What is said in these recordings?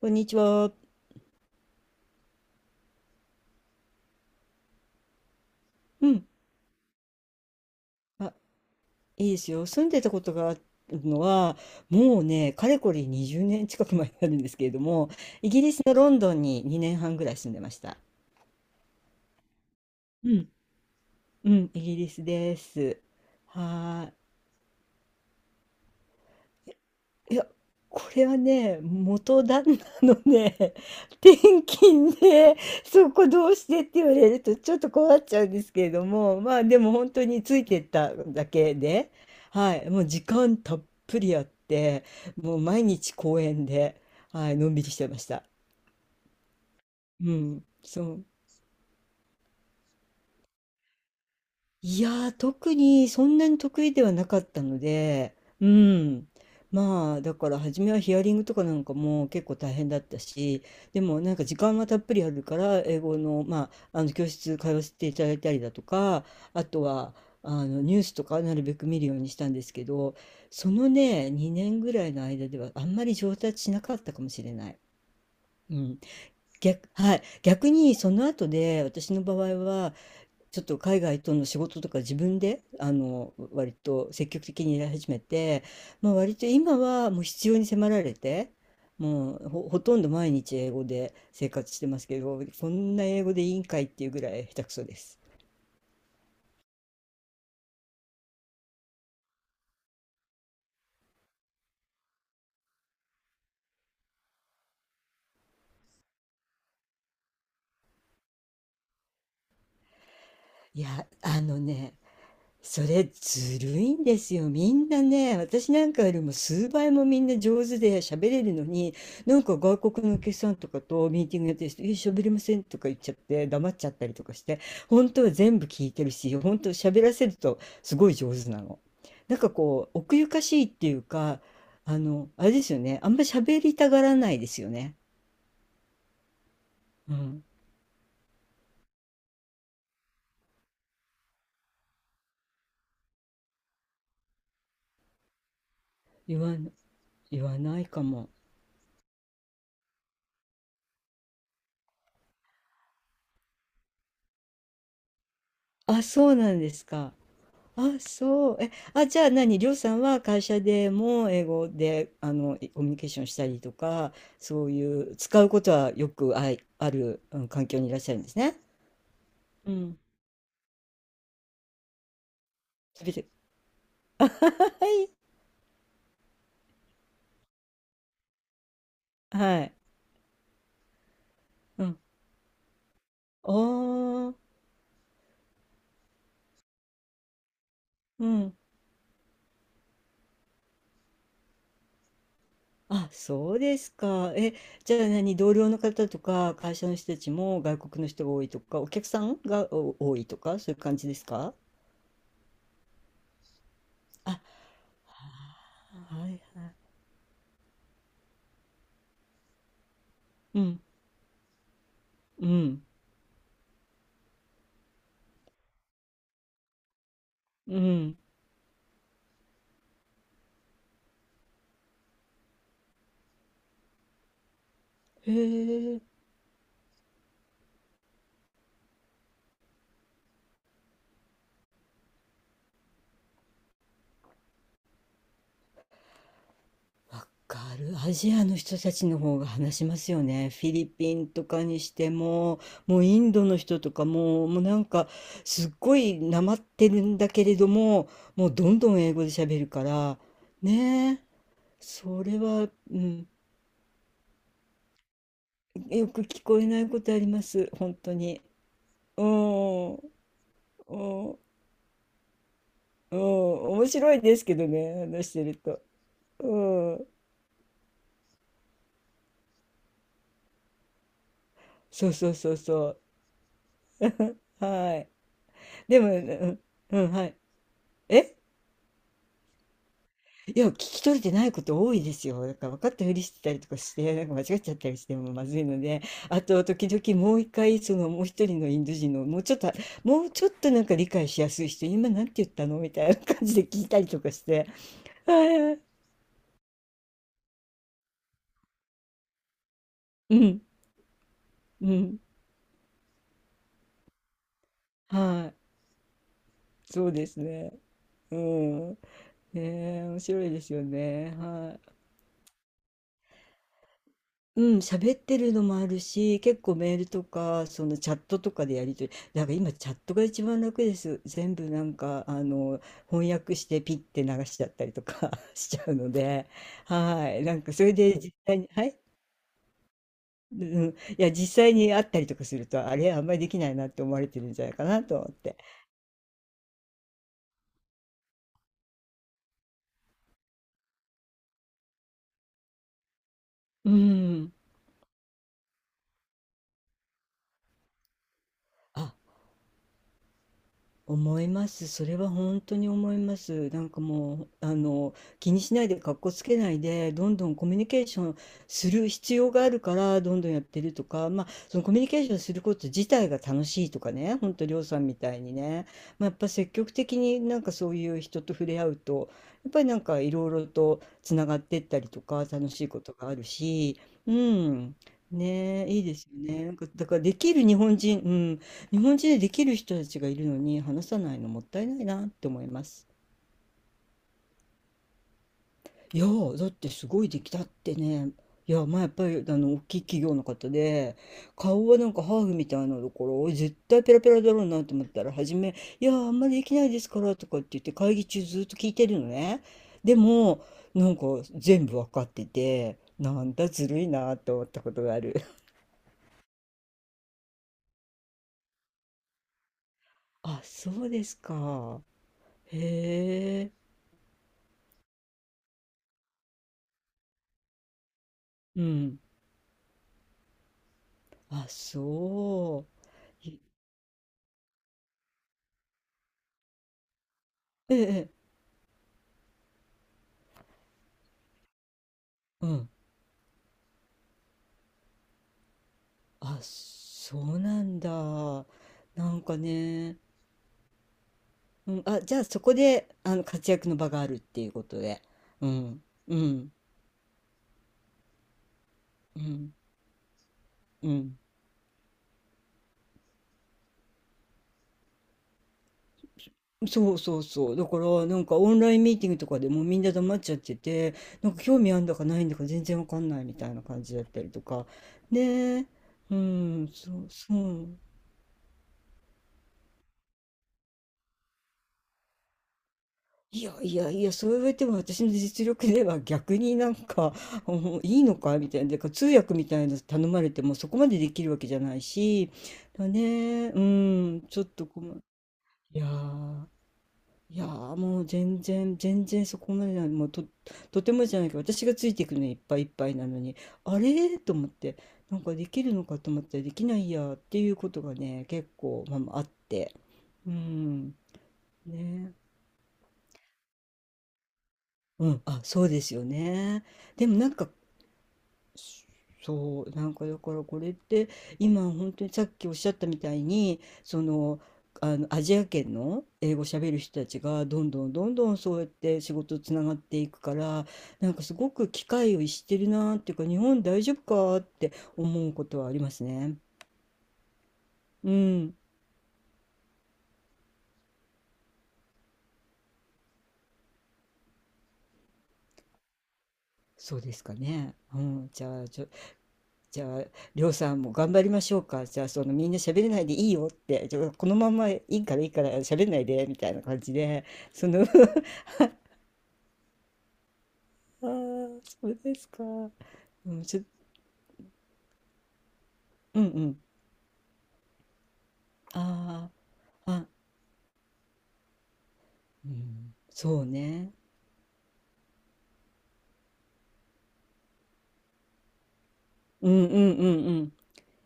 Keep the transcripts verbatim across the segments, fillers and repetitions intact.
こんにちは。うん。あ、いいですよ。住んでたことがあるのは、もうね、かれこれにじゅうねん近く前になるんですけれども、イギリスのロンドンににねんはんぐらい住んでました。うん。うん、イギリスです。はーい。いや、これはね、元旦那のね、転勤で、そこどうしてって言われるとちょっと困っちゃうんですけれども、まあでも本当についてっただけで、はい、もう時間たっぷりあって、もう毎日公園で、はい、のんびりしてました。うん、そう。いやー、特にそんなに得意ではなかったので、うん。まあ、だから初めはヒアリングとかなんかも結構大変だったし、でもなんか時間はたっぷりあるから、英語の、まあ、あの教室通わせていただいたりだとか、あとは、あのニュースとかなるべく見るようにしたんですけど、そのね、にねんぐらいの間ではあんまり上達しなかったかもしれない。うん。逆、はい。逆にその後で私の場合は、ちょっと海外との仕事とか自分であの割と積極的にやり始めて、まあ、割と今はもう必要に迫られてもうほ、ほとんど毎日英語で生活してますけど、こんな英語でいいんかいっていうぐらい下手くそです。いや、あのね、それずるいんですよ。みんなね、私なんかよりも数倍もみんな上手で喋れるのに、なんか外国のお客さんとかとミーティングやってる人、え、喋れませんとか言っちゃって黙っちゃったりとかして、本当は全部聞いてるし、本当喋らせるとすごい上手なの。なんかこう、奥ゆかしいっていうか、あの、あれですよね。あんまり喋りたがらないですよね。うん。言わ言わないかも。あ、そうなんですか。あ、そう。え、あ、じゃあ何、りょうさんは会社でも英語で、あの、いコミュニケーションしたりとか、そういう使うことはよくあい、ある、うん、環境にいらっしゃるんですね。うん。すべて。あ、はい。うん。おー、うん。あ、そうですか。え、じゃあ何、同僚の方とか、会社の人たちも外国の人が多いとか、お客さんがお多いとか、そういう感じですか。あ、はいはい。うん、うん、うん。へえ。わかる。アジアの人たちの方が話しますよね。フィリピンとかにしても、もうインドの人とかも、もうなんか、すっごいなまってるんだけれども、もうどんどん英語で喋るから、ねえ、それは、うん、よく聞こえないことあります。本当に。うん、うん、うん、面白いですけどね、話してると。うん、そうそうそうそう。はい。でも、うん、うん、はい。え、いや、聞き取れてないこと多いですよ。だから分かったふりしてたりとかして、なんか間違っちゃったりしてもまずいので、あと、時々もう一回、そのもう一人のインド人の、もうちょっと、もうちょっとなんか理解しやすい人、今なんて言ったのみたいな感じで聞いたりとかして。はい。うん、うん。はい。そうですね。うん。ねえ、面白いですよね。はい。うん、喋ってるのもあるし、結構メールとか、そのチャットとかでやり取り、だから今チャットが一番楽です。全部なんか、あの、翻訳してピッて流しちゃったりとか しちゃうので、はい。なんかそれで実際に、はい。うん、いや、実際に会ったりとかすると、あれ、あんまりできないなって思われてるんじゃないかなと思って。うん。あ、思います。それは本当に思います。なんかもう、あの、気にしないで、格好つけないで、どんどんコミュニケーションする必要があるから、どんどんやってるとか、まあ、そのコミュニケーションすること自体が楽しいとかね、本当りょうさんみたいにね、まあ、やっぱ積極的になんかそういう人と触れ合うと、やっぱりなんかいろいろとつながってったりとか、楽しいことがあるし、うん。ねえ、いいですよね。なんか、だからできる日本人、うん、日本人でできる人たちがいるのに話さないのもったいないなって思います。いやーだってすごいできたってね。いや、まあやっぱりあの大きい企業の方で顔はなんかハーフみたいなところ絶対ペラペラだろうなと思ったら、初め「いやーあんまりできないですから」とかって言って会議中ずっと聞いてるのね。でもなんか全部わかっててなんだずるいなと思ったことがある。あ、そうですか。へえ。うん。あ、そう。ええ、ええ、うん。あ、そうなんだ。なんかね、うん、あ、じゃあそこで、あの、活躍の場があるっていうことで。うん、うん、うん、うん。そうそうそう。だから、なんかオンラインミーティングとかでもうみんな黙っちゃってて、なんか興味あんだかないんだか全然わかんないみたいな感じだったりとか。ねえ、うん、そう、そう。いやいやいや、そう言われても私の実力では逆になんか、うん、いいのかみたいな、でか通訳みたいなの頼まれてもそこまでできるわけじゃないし、だね、うん、ちょっと困る。いやー、いやーもう全然、全然そこまでない、もうと、とてもじゃないけど、私がついていくのにいっぱいいっぱいなのに、あれーと思って、なんかできるのかと思ったらできないやーっていうことがね、結構、まあ、まああって、うん、ね、うん、あ、そうですよね。でもなんか、そう、なんかだからこれって今本当にさっきおっしゃったみたいに、その、あのアジア圏の英語喋る人たちがどんどんどんどんそうやって仕事つながっていくから、なんかすごく機会を逸してるなーっていうか、日本大丈夫かーって思うことはありますね。うん、そうですかね。うん、じゃあ、じゃあ、りょうさんも頑張りましょうか。じゃあ、そのみんな喋れないでいいよって、じゃあこのままいいからいいから喋んないでみたいな感じで、その あー、そうですか。うん、ちょ、うんうん。ああ、あ、うん、そうね。うんうんうんうん。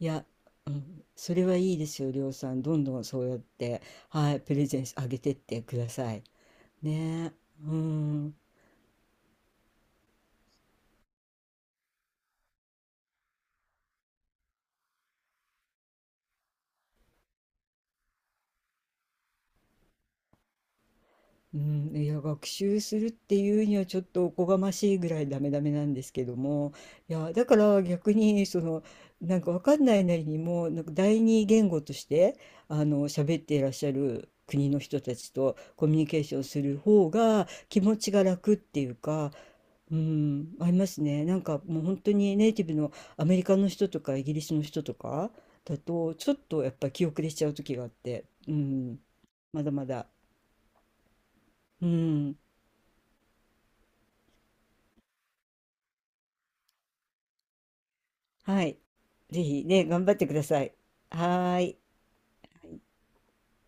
いや、うん、それはいいですよ、りょうさん。どんどんそうやって、はい、プレゼンスあげてってください。ね。うん。うん、いや学習するっていうにはちょっとおこがましいぐらいダメダメなんですけども、いやだから逆にその、なんかわかんないなりにもなんか第二言語としてあの喋っていらっしゃる国の人たちとコミュニケーションする方が気持ちが楽っていうか、うん、ありますね、なんかもう本当にネイティブのアメリカの人とかイギリスの人とかだとちょっとやっぱ気後れしちゃう時があって、うん、まだまだ。うん、はい。ぜひね、頑張ってください。はーい。